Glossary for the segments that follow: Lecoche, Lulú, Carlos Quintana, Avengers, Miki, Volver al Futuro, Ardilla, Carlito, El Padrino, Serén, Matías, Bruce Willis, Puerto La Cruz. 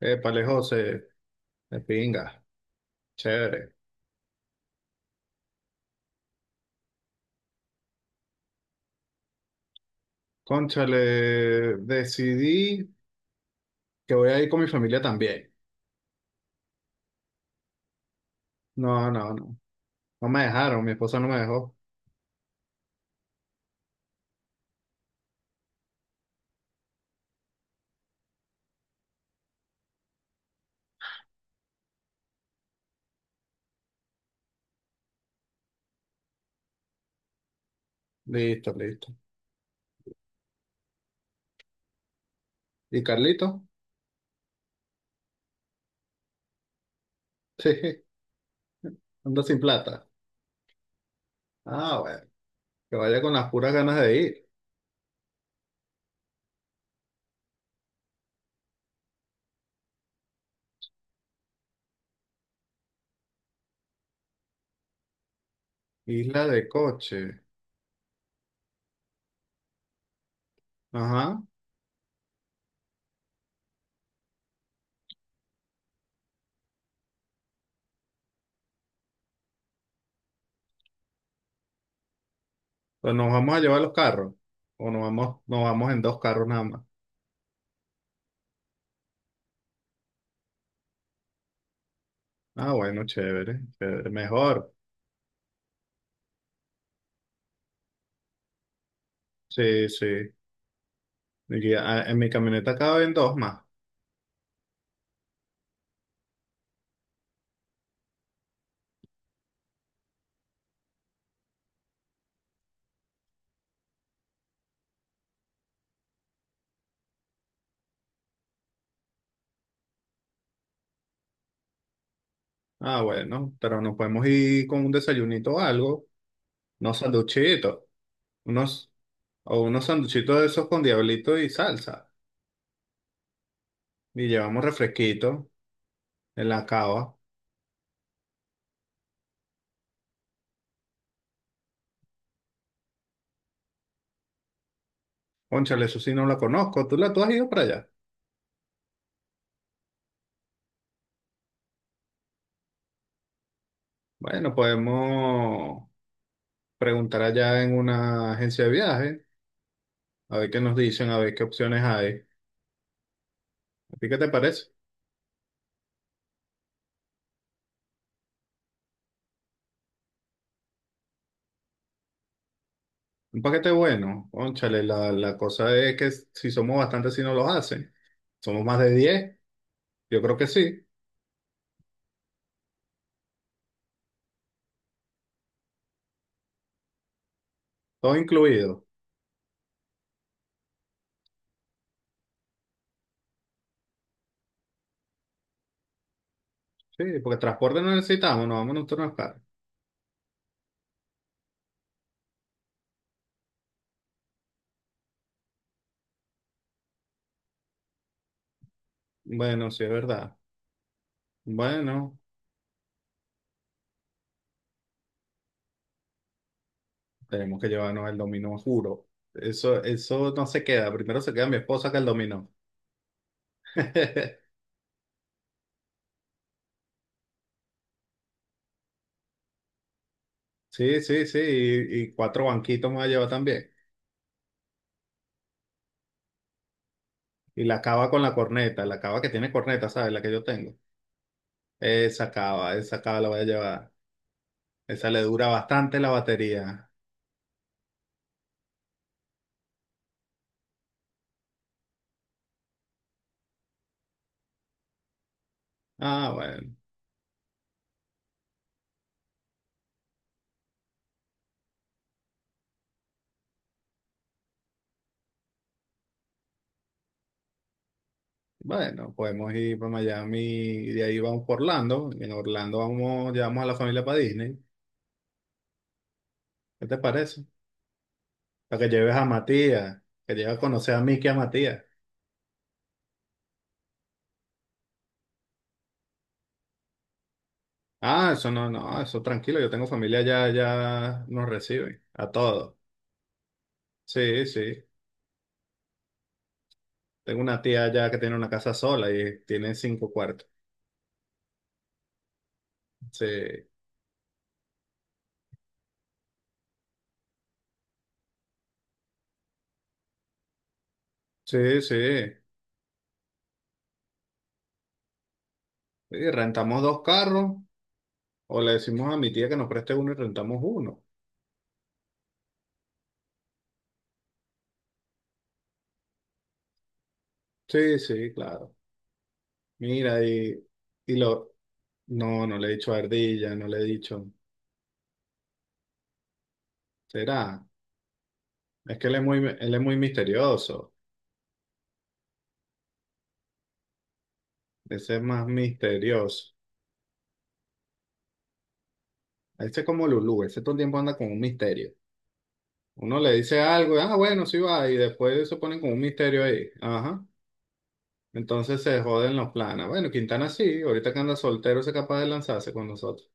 Épale, José, de pinga, chévere. Cónchale, decidí que voy a ir con mi familia también. No, no, no. No me dejaron, mi esposa no me dejó. Listo, listo. ¿Y Carlito? Sí, anda sin plata. Ah, bueno, que vaya con las puras ganas de ir. Isla de coche. Ajá. Pues nos vamos a llevar los carros. O nos vamos en dos carros nada más. Ah, bueno, chévere, chévere. Mejor. Sí, sí. En mi camioneta caben dos más. Ah, bueno, pero nos podemos ir con un desayunito o algo, unos sanduchitos, unos, o unos sanduchitos de esos con diablito y salsa, y llevamos refresquito en la cava. Cónchale, eso sí no la conozco, ¿tú has ido para allá? Bueno, podemos preguntar allá en una agencia de viaje, a ver qué nos dicen, a ver qué opciones hay. ¿A ti qué te parece? Un paquete bueno, cónchale, la cosa es que si somos bastantes, si no los hacen. Somos más de 10. Yo creo que sí, todo incluido. Sí, porque transporte no necesitamos, no vamos en un turno. Bueno, sí, es verdad. Bueno, tenemos que llevarnos el dominó, juro. Eso no se queda. Primero se queda mi esposa que el dominó. Sí, sí, sí. Y cuatro banquitos me va a llevar también. Y la cava con la corneta, la cava que tiene corneta, ¿sabes? La que yo tengo. Esa cava la voy a llevar. Esa le dura bastante la batería. Ah, bueno. Bueno, podemos ir para Miami y de ahí vamos por Orlando. En Orlando vamos, llevamos a la familia para Disney. ¿Qué te parece? Para que lleves a Matías, que lleves a conocer a Miki y a Matías. Ah, eso no, no, eso tranquilo, yo tengo familia ya, ya nos reciben, a todos. Sí, sí. Tengo una tía allá que tiene una casa sola y tiene cinco cuartos. Sí, sí, sí. Y rentamos dos carros, o le decimos a mi tía que nos preste uno y rentamos uno. Sí, sí, claro. Mira, y lo. No, no le he dicho a Ardilla, no le he dicho. ¿Será? Es que él es muy misterioso. Ese es más misterioso. Ese es como Lulú, ese todo el tiempo anda con un misterio. Uno le dice algo, y ah, bueno, sí va, y después se ponen con un misterio ahí. Ajá. Entonces se joden los planes. Bueno, Quintana sí, ahorita que anda soltero, ese es capaz de lanzarse con nosotros.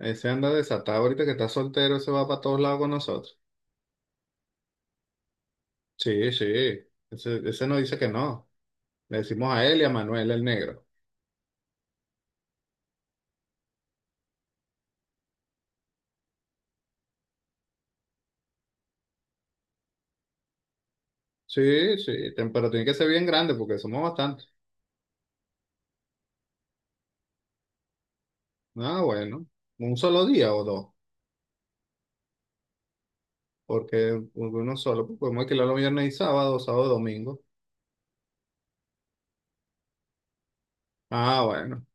Ese anda desatado, ahorita que está soltero, se va para todos lados con nosotros. Sí, sí. Ese no dice que no. Le decimos a él y a Manuel, el negro. Sí, sí, pero tiene que ser bien grande porque somos bastantes. Ah, bueno, un solo día o dos, porque uno solo, pues, podemos alquilarlo viernes y sábado, sábado, domingo. Ah, bueno,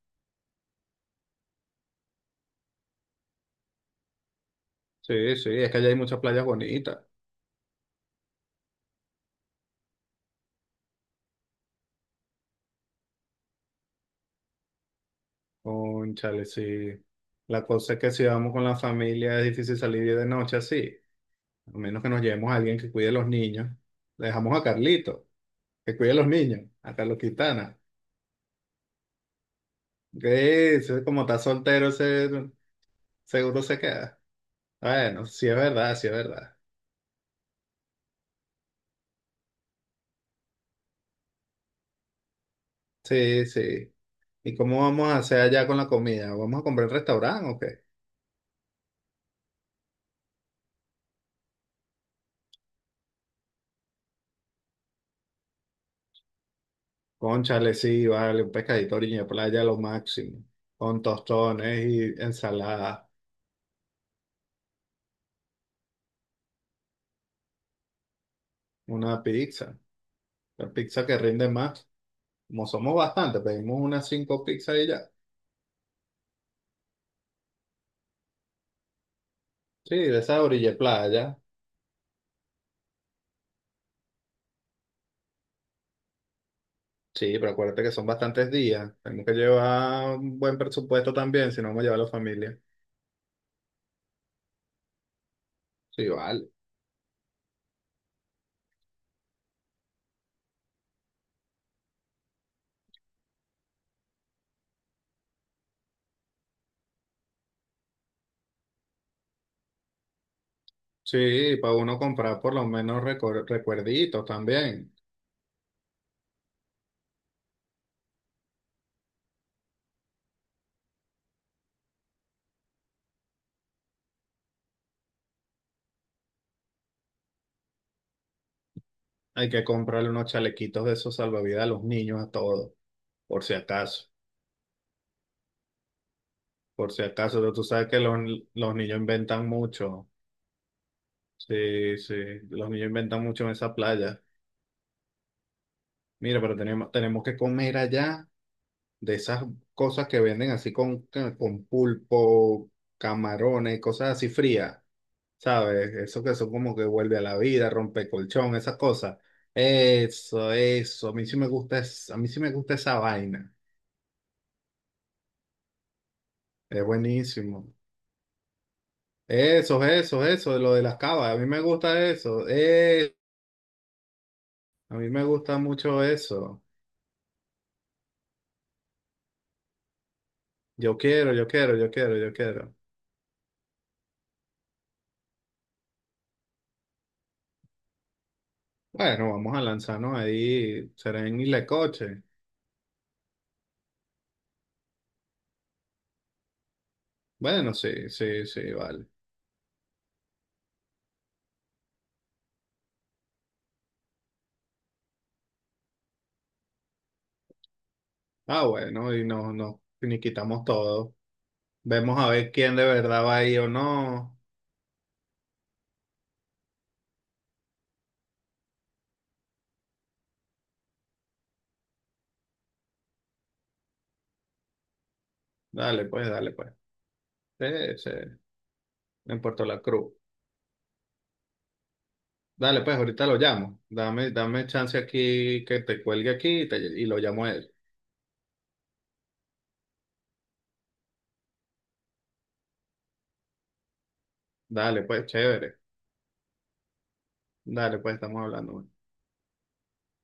sí, sí, es que allá hay muchas playas bonitas. Cónchale, sí. La cosa es que si vamos con la familia es difícil salir de noche así, a menos que nos llevemos a alguien que cuide a los niños. Le dejamos a Carlito, que cuide a los niños, a Carlos Quintana. Que ese, como está soltero, ese seguro se queda. Bueno, sí es verdad, sí es verdad. Sí, sí. ¿Y cómo vamos a hacer allá con la comida? ¿Vamos a comprar en restaurante o qué? Cónchale, sí, vale, un pescadito a orilla de playa lo máximo, con tostones y ensalada, una pizza, la pizza que rinde más. Como somos bastantes, pedimos unas cinco pizzas y ya. Sí, de esa orilla de playa. Sí, pero acuérdate que son bastantes días. Tenemos que llevar un buen presupuesto también, si no vamos a llevar a la familia. Sí, vale. Sí, para uno comprar por lo menos recuerditos también. Hay que comprarle unos chalequitos de esos salvavidas a los niños, a todos, por si acaso. Por si acaso, pero tú sabes que los niños inventan mucho. Sí, sí, los niños inventan mucho en esa playa. Mira, pero tenemos que comer allá de esas cosas que venden así con pulpo, camarones, cosas así frías, ¿sabes? Eso que son como que vuelve a la vida, rompe colchón, esas cosas. Eso, a mí sí me gusta, a mí sí me gusta esa vaina. Es buenísimo. Eso, de lo de las cavas, a mí me gusta eso. A mí me gusta mucho eso. Yo quiero, yo quiero, yo quiero, yo quiero. Bueno, vamos a lanzarnos ahí, Serén y Lecoche. Bueno, sí, sí, sí, vale. Ah, bueno, y nos quitamos todo. Vemos a ver quién de verdad va ahí o no. Dale, pues, dale, pues. Sí, sí, en Puerto La Cruz. Dale, pues, ahorita lo llamo. Dame, dame chance aquí que te cuelgue aquí y, te- y lo llamo a él. Dale, pues, chévere. Dale, pues, estamos hablando.